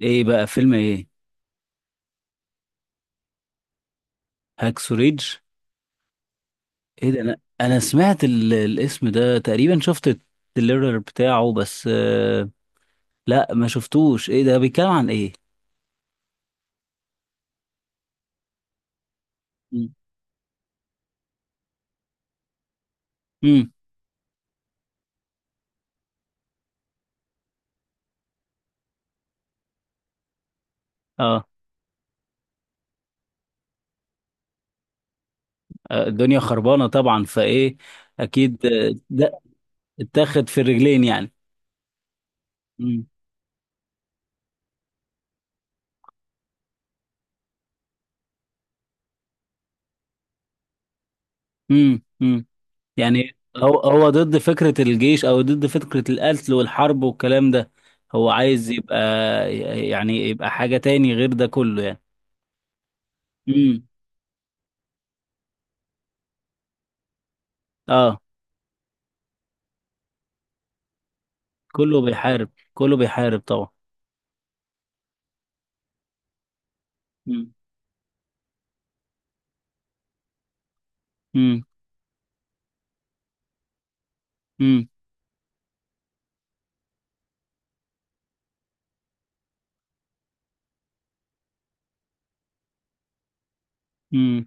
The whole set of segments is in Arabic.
ايه بقى فيلم ايه؟ هاكسو ريدج. ايه ده؟ انا سمعت الاسم ده تقريبا، شفت التريلر بتاعه، بس لا ما شفتوش. ايه ده بيتكلم عن ايه؟ امم. اه. آه، الدنيا خربانة طبعا، فايه؟ اكيد. ده اتاخد في الرجلين يعني. امم. امم. أمم. يعني هو ضد فكرة الجيش او ضد فكرة القتل والحرب والكلام ده، هو عايز يبقى، يعني يبقى حاجة تاني غير ده كله يعني. امم. اه. كله بيحارب، كله بيحارب طبعا. مم. امم. امم. امم.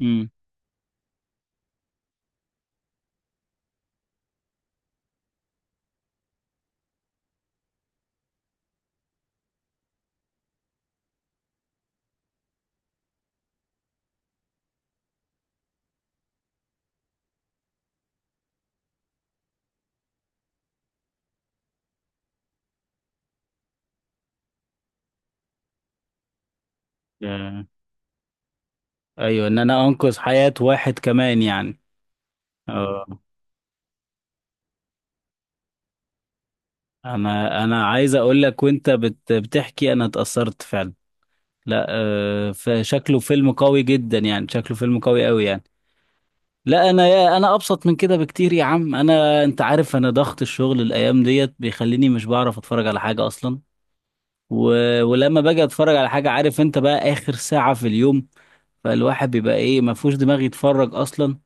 امم. آه. ايوه، ان انا انقذ حياة واحد كمان يعني. اه. انا عايز اقول لك، وانت بتحكي انا اتأثرت فعلا. لا. فشكله فيلم قوي جدا يعني، شكله فيلم قوي قوي يعني. لا انا، يا انا ابسط من كده بكتير يا عم. انا انت عارف، انا ضغط الشغل الايام ديت بيخليني مش بعرف اتفرج على حاجة اصلا. و... ولما باجي اتفرج على حاجة، عارف انت، بقى اخر ساعة في اليوم، فالواحد بيبقى ايه، ما فيهوش دماغ يتفرج اصلا.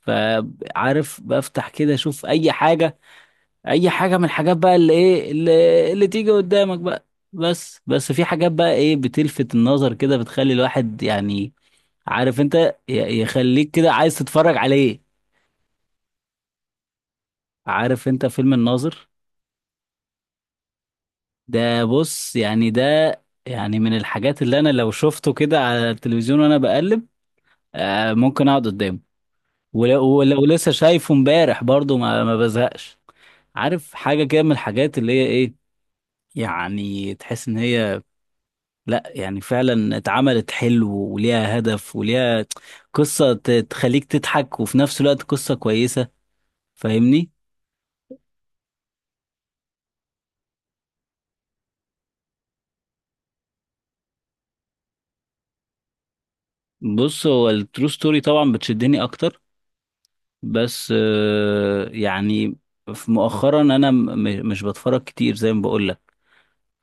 فعارف، بفتح كده اشوف اي حاجه، اي حاجه من الحاجات بقى، اللي ايه، اللي تيجي قدامك بقى. بس في حاجات بقى، ايه، بتلفت النظر كده، بتخلي الواحد يعني، عارف انت، يخليك كده عايز تتفرج عليه. عارف انت فيلم الناظر؟ ده بص يعني، ده يعني من الحاجات اللي انا لو شفته كده على التلفزيون وانا بقلب، آه ممكن اقعد قدامه. ولو لسه شايفه امبارح، برضو ما بزهقش. عارف، حاجة كده من الحاجات اللي هي ايه، يعني تحس ان هي، لا، يعني فعلا اتعملت حلو وليها هدف وليها قصة تخليك تضحك، وفي نفس الوقت قصة كويسة. فاهمني؟ بص، هو الترو ستوري طبعا بتشدني اكتر، بس يعني في مؤخرا انا مش بتفرج كتير زي ما بقول لك.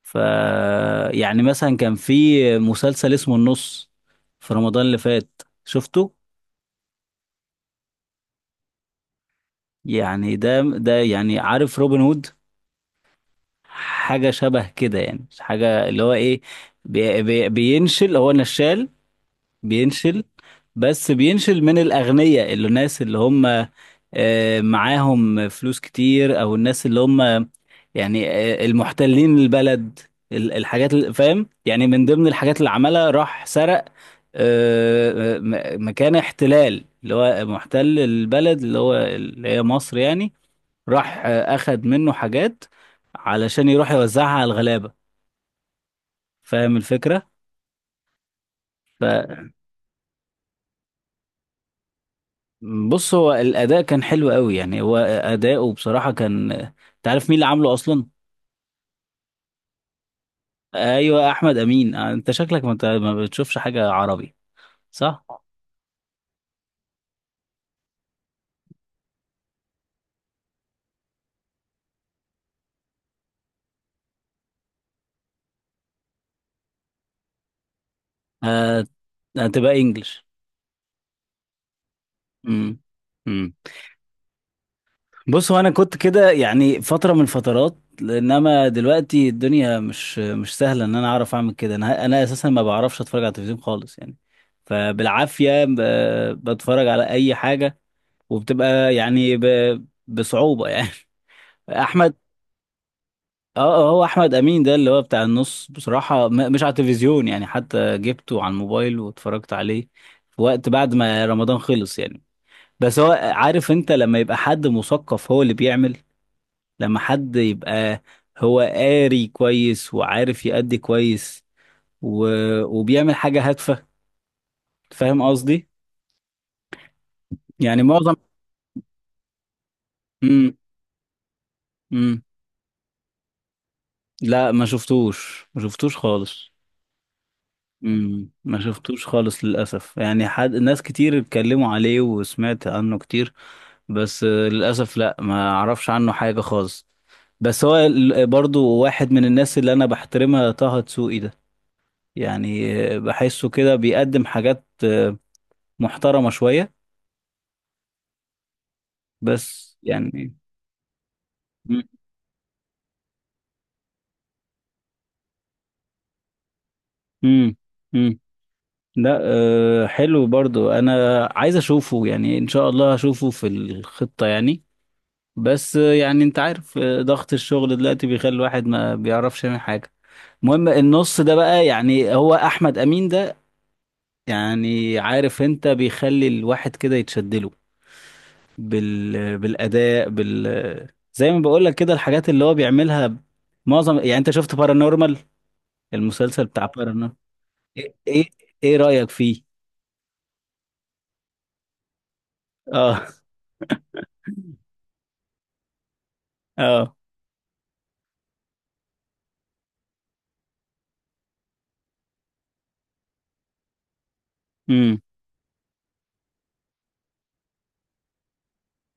ف يعني مثلا كان في مسلسل اسمه النص في رمضان اللي فات شفته؟ يعني ده يعني، عارف روبن هود؟ حاجة شبه كده يعني، حاجة اللي هو ايه، بي بي بينشل، هو نشال. بينشل، بس بينشل من الأغنياء، اللي الناس اللي هم آه، معاهم فلوس كتير، أو الناس اللي هم يعني آه، المحتلين البلد. الحاجات اللي فاهم يعني، من ضمن الحاجات اللي عملها، راح سرق آه، آه، مكان احتلال اللي هو محتل البلد اللي هو اللي هي مصر يعني، راح آه، اخد منه حاجات علشان يروح يوزعها على الغلابة. فاهم الفكرة؟ فبص، هو الاداء كان حلو قوي يعني، هو اداؤه بصراحة كان، انت عارف مين اللي عامله اصلا؟ ايوه، احمد امين. انت شكلك ما, انت ما بتشوفش حاجة عربي، صح؟ آه، هتبقى انجلش. امم. بص، هو انا كنت كده يعني فتره من الفترات، انما دلوقتي الدنيا مش سهله ان انا اعرف اعمل كده. انا اساسا ما بعرفش اتفرج على التلفزيون خالص يعني، فبالعافيه بتفرج على اي حاجه، وبتبقى يعني بصعوبه يعني. احمد. اه. هو احمد امين ده اللي هو بتاع النص بصراحه، مش على التلفزيون يعني، حتى جبته على الموبايل واتفرجت عليه في وقت بعد ما رمضان خلص يعني. بس هو عارف انت، لما يبقى حد مثقف هو اللي بيعمل، لما حد يبقى هو قاري كويس وعارف يأدي كويس و... وبيعمل حاجة هادفة. فاهم قصدي؟ يعني معظم. امم. امم. لا، ما شفتوش، ما شفتوش خالص. امم. ما شفتوش خالص للأسف يعني، حد ناس كتير اتكلموا عليه وسمعت عنه كتير، بس للأسف لا ما اعرفش عنه حاجة خالص. بس هو برضو واحد من الناس اللي انا بحترمها طه دسوقي ده، يعني بحسه كده بيقدم حاجات محترمة شوية، بس يعني. مم. مم. مم. لا أه، حلو، برضو انا عايز اشوفه، يعني ان شاء الله هشوفه في الخطة يعني، بس يعني انت عارف ضغط الشغل دلوقتي بيخلي الواحد ما بيعرفش يعمل حاجة. المهم، النص ده بقى، يعني هو احمد امين ده، يعني عارف انت، بيخلي الواحد كده يتشدله بالاداء، زي ما بقول لك كده، الحاجات اللي هو بيعملها معظم. يعني انت شفت بارانورمال المسلسل بتاع، ايه ايه؟ إيه رأيك فيه؟ اه. اه. امم.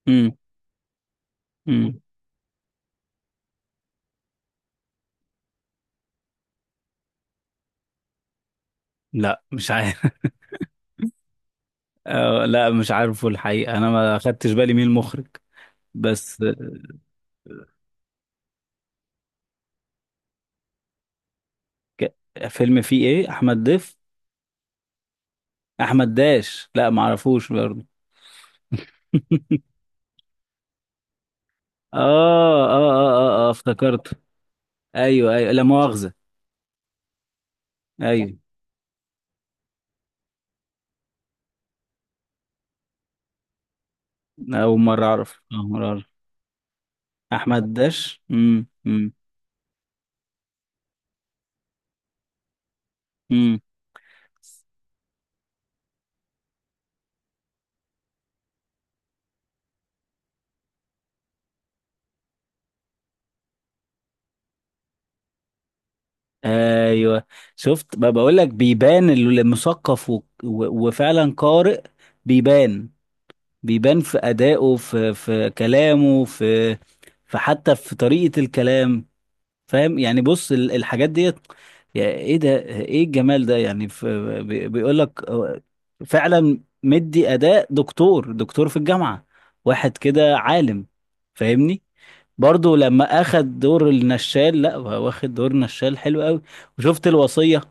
امم. امم. لا، مش عارف. آه، لا، مش عارفه الحقيقة، انا ما خدتش بالي مين المخرج. بس ك... فيلم فيه ايه، احمد ضيف؟ احمد داش؟ لا ما اعرفوش برضه. آه, آه, اه اه اه، افتكرت. ايوه ايوه، لا مؤاخذة. ايوه. اول مرة اعرف، اول مرة اعرف. احمد داش. امم. امم. امم. ايوه. شفت، ما بقول لك، بيبان المثقف وفعلا قارئ. بيبان. بيبان في ادائه، في كلامه، في حتى في طريقة الكلام. فاهم يعني، بص الحاجات ديت، يا ايه ده، ايه الجمال ده يعني في... بيقول لك فعلا مدي اداء دكتور، دكتور في الجامعة، واحد كده عالم. فاهمني؟ برضو لما اخد دور النشال، لا، هو واخد دور نشال حلو قوي. وشفت الوصية؟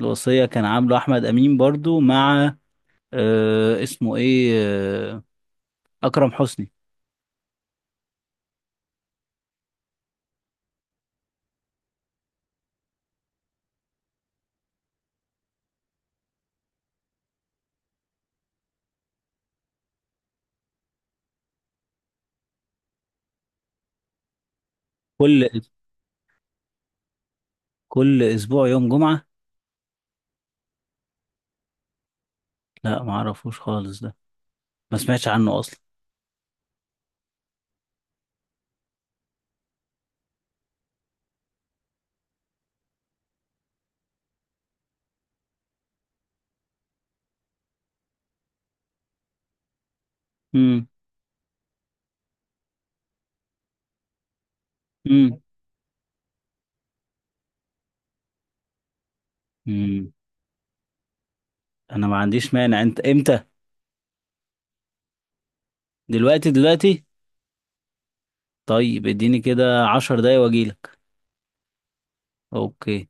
الوصية كان عامله احمد امين برضو مع، اسمه ايه، آه اكرم حسني. كل كل اسبوع يوم جمعة. لا ما اعرفوش خالص ده، ما سمعتش عنه اصلا. امم. امم. امم. انا ما عنديش مانع، انت امتى؟ دلوقتي؟ دلوقتي. طيب اديني كده 10 دقايق واجيلك. اوكي.